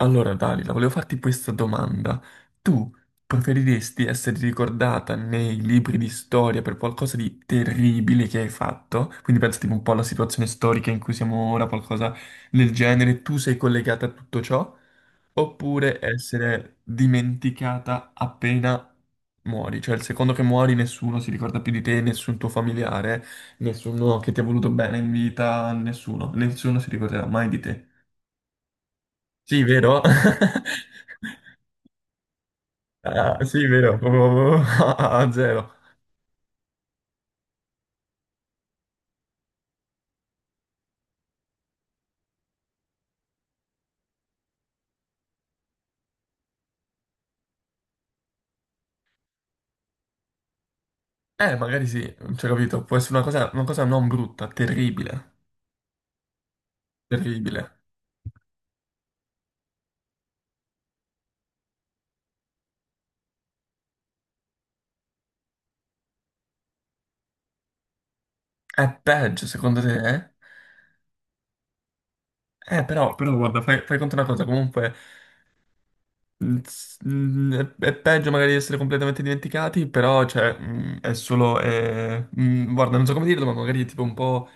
Allora, Dalila, volevo farti questa domanda. Tu preferiresti essere ricordata nei libri di storia per qualcosa di terribile che hai fatto? Quindi pensa tipo un po' alla situazione storica in cui siamo ora, qualcosa del genere, tu sei collegata a tutto ciò? Oppure essere dimenticata appena muori? Cioè il secondo che muori nessuno si ricorda più di te, nessun tuo familiare, nessuno che ti ha voluto bene in vita, nessuno, nessuno si ricorderà mai di te. Sì, vero? Ah, sì, vero, proprio a a zero. Magari sì, cioè, capito, può essere una cosa non brutta, terribile, terribile. È peggio, secondo te? Però, però guarda, fai, fai conto una cosa, comunque, è peggio magari di essere completamente dimenticati, però, cioè, è solo, guarda, non so come dirlo, ma magari è tipo un po'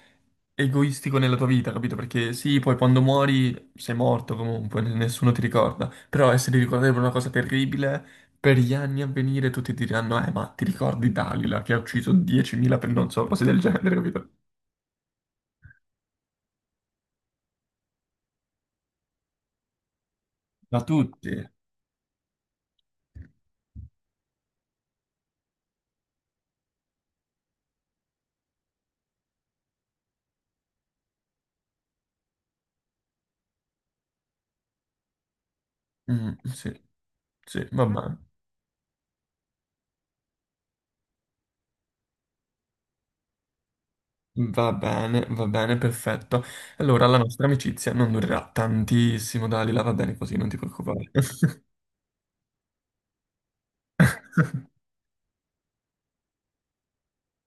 egoistico nella tua vita, capito? Perché sì, poi quando muori sei morto comunque, nessuno ti ricorda, però essere ricordato per una cosa terribile, per gli anni a venire tutti ti diranno, ma ti ricordi Dalila che ha ucciso 10.000 per non so, cose del genere, capito? Da tutti. Sì, mm, sì, sì, va bene. Va bene, va bene, perfetto. Allora, la nostra amicizia non durerà tantissimo, Dalila, va bene così, non ti preoccupare.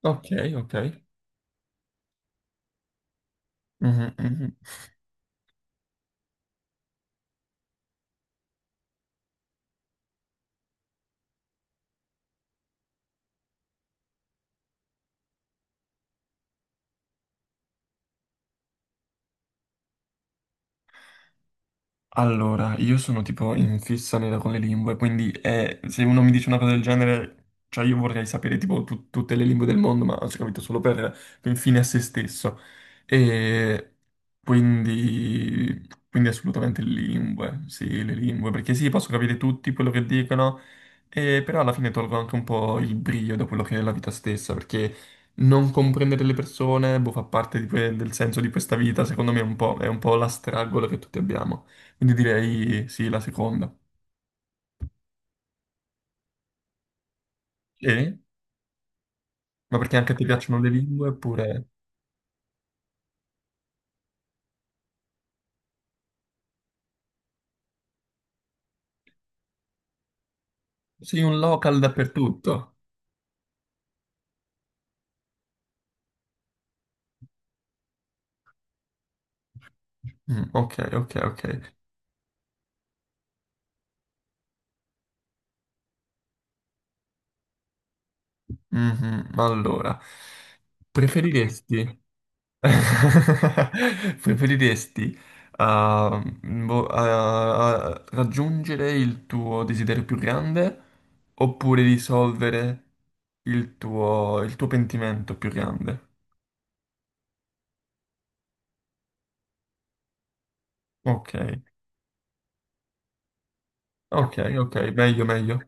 Ok, ok. Mhm, mhm. Allora, io sono tipo in fissa nera con le lingue, quindi se uno mi dice una cosa del genere, cioè io vorrei sapere tipo tutte le lingue del mondo, ma ho capito solo per fine a se stesso. E quindi, quindi assolutamente le lingue, sì, le lingue, perché sì, posso capire tutti quello che dicono, e però alla fine tolgo anche un po' il brio da quello che è la vita stessa, perché non comprendere le persone, boh, fa parte di del senso di questa vita, secondo me è un po' la stragola che tutti abbiamo. Quindi direi sì, la seconda. E? Ma perché anche ti piacciono le lingue oppure sei un local dappertutto? Mm, ok, ok, ok. Mhm, allora, preferiresti, preferiresti ah, boh, ah, ah, raggiungere il tuo desiderio più grande oppure risolvere il tuo pentimento più grande? Ok, ok, ok, meglio, meglio.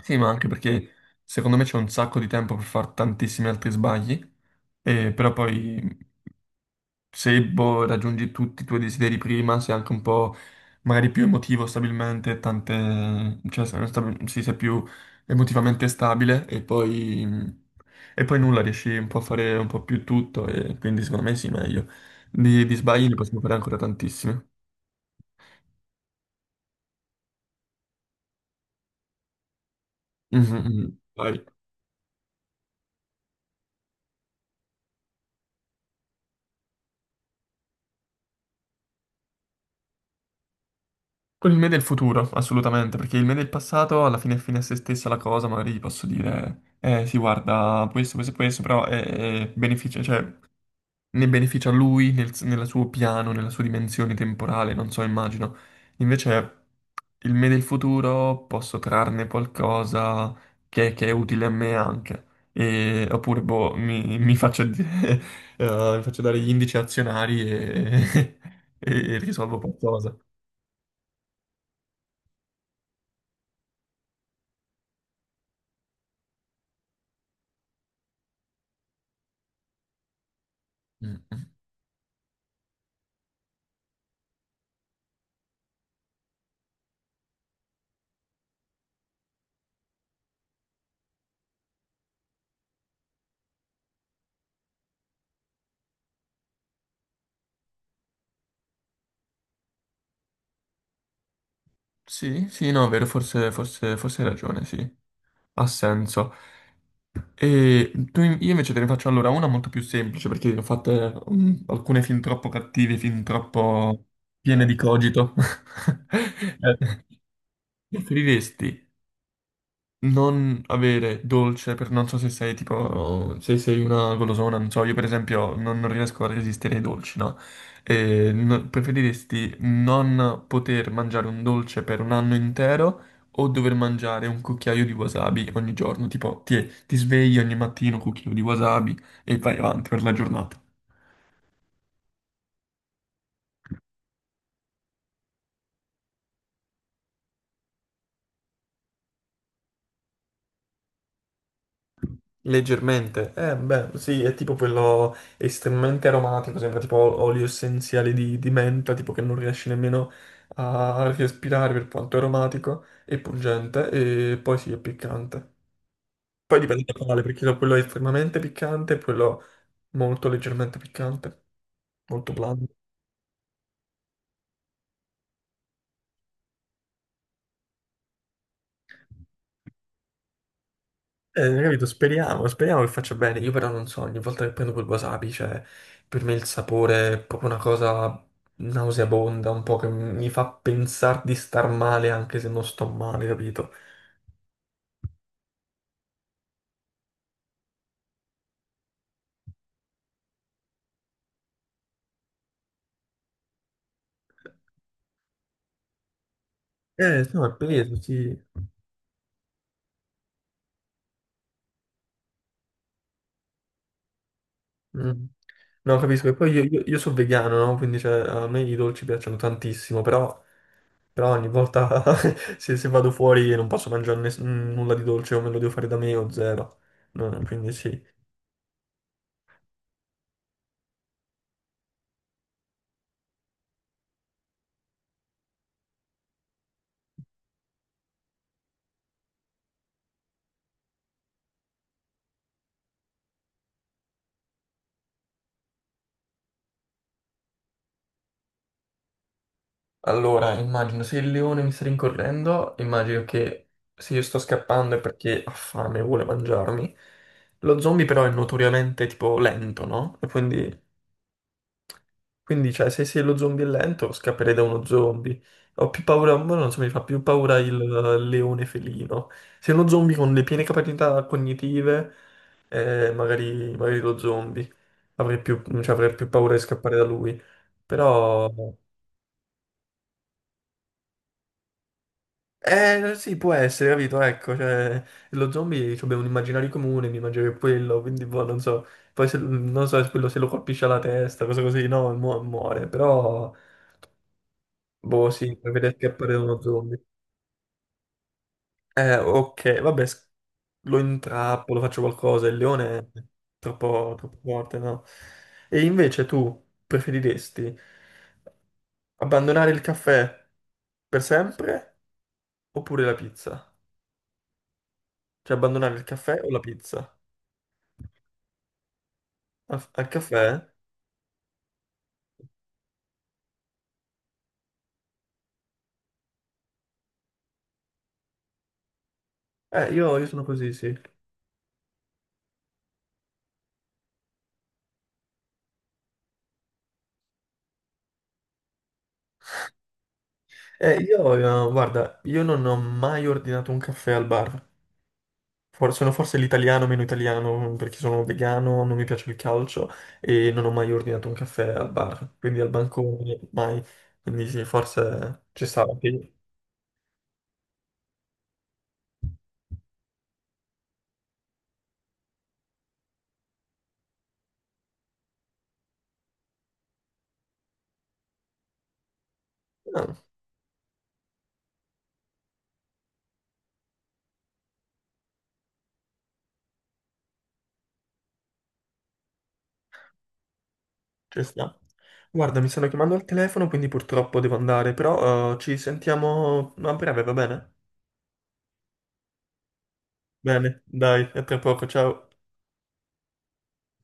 Sì, ma anche perché secondo me c'è un sacco di tempo per fare tantissimi altri sbagli, e però poi se boh, raggiungi tutti i tuoi desideri prima, sei anche un po' magari più emotivo stabilmente, tante, cioè sì, sei più emotivamente stabile e poi nulla, riesci un po' a fare un po' più tutto e quindi secondo me sì, meglio. Di sbagli ne possiamo fare ancora tantissimi. Mhm, mhm. Vai. Con il me del futuro, assolutamente, perché il me del passato alla fine è fine a se stessa la cosa, magari gli posso dire, eh sì, guarda, questo e questo, però è beneficia, cioè, ne beneficia lui nel, nel suo piano, nella sua dimensione temporale, non so, immagino. Invece il me del futuro posso trarne qualcosa che è utile a me anche, oppure boh, mi faccio dare gli indici azionari e, e risolvo qualcosa. Mm, mm. Sì, sì, no, è vero, forse, forse, forse hai ragione, sì, ha senso. E tu, io invece te ne faccio allora una molto più semplice, perché ne ho fatte alcune fin troppo cattive, fin troppo piene di cogito. Preferiresti non avere dolce per non so se sei tipo se sei una golosona, non so, io per esempio non, non riesco a resistere ai dolci, no? E preferiresti non poter mangiare un dolce per un anno intero o dover mangiare un cucchiaio di wasabi ogni giorno? Tipo ti, ti svegli ogni mattino un cucchiaio di wasabi e vai avanti per la giornata. Leggermente, eh beh, sì, è tipo quello estremamente aromatico, sembra tipo olio essenziale di menta, tipo che non riesci nemmeno a respirare per quanto è aromatico e pungente, e poi sì, è piccante. Poi dipende da quale, perché quello è estremamente piccante e quello molto leggermente piccante, molto blando. Capito? Speriamo, speriamo che faccia bene. Io però non so, ogni volta che prendo quel wasabi, cioè, per me il sapore è proprio una cosa nauseabonda, un po' che mi fa pensare di star male anche se non sto male, capito? No, è peso, sì. Mm. No, capisco. E poi io sono vegano, no? Quindi, cioè, a me i dolci piacciono tantissimo, però, però ogni volta se, se vado fuori non posso mangiare nulla di dolce o me lo devo fare da me o zero. No, quindi sì. Allora, immagino se il leone mi sta rincorrendo, immagino che se io sto scappando è perché ha fame e vuole mangiarmi. Lo zombie però è notoriamente tipo lento, no? E quindi, quindi, cioè, se, se lo zombie è lento, scapperei da uno zombie. Ho più paura, ma non so, mi fa più paura il leone felino. Se è uno zombie con le piene capacità cognitive, magari, magari lo zombie. Avrei più, cioè, avrei più paura di scappare da lui. Però eh, sì, può essere, capito? Ecco, cioè, lo zombie cioè, abbiamo un immaginario comune, mi immagino che quello, quindi boh, non so. Poi se, non so se quello se lo colpisce alla testa, cose così, no, muore, però, boh, sì, puoi vedere scappare da uno zombie. Ok, vabbè, lo intrappolo, faccio qualcosa, il leone è troppo, troppo forte, no? E invece tu preferiresti abbandonare il caffè per sempre oppure la pizza? Cioè, abbandonare il caffè o la pizza? Al, al caffè? Io sono così, sì. Io, guarda, io non ho mai ordinato un caffè al bar. Sono forse l'italiano meno italiano perché sono vegano, non mi piace il calcio e non ho mai ordinato un caffè al bar. Quindi al bancone, mai. Quindi sì, forse ci sta. Anche no, ci sta. Guarda, mi stanno chiamando al telefono, quindi purtroppo devo andare, però ci sentiamo a breve, va bene? Bene, dai, a tra poco, ciao.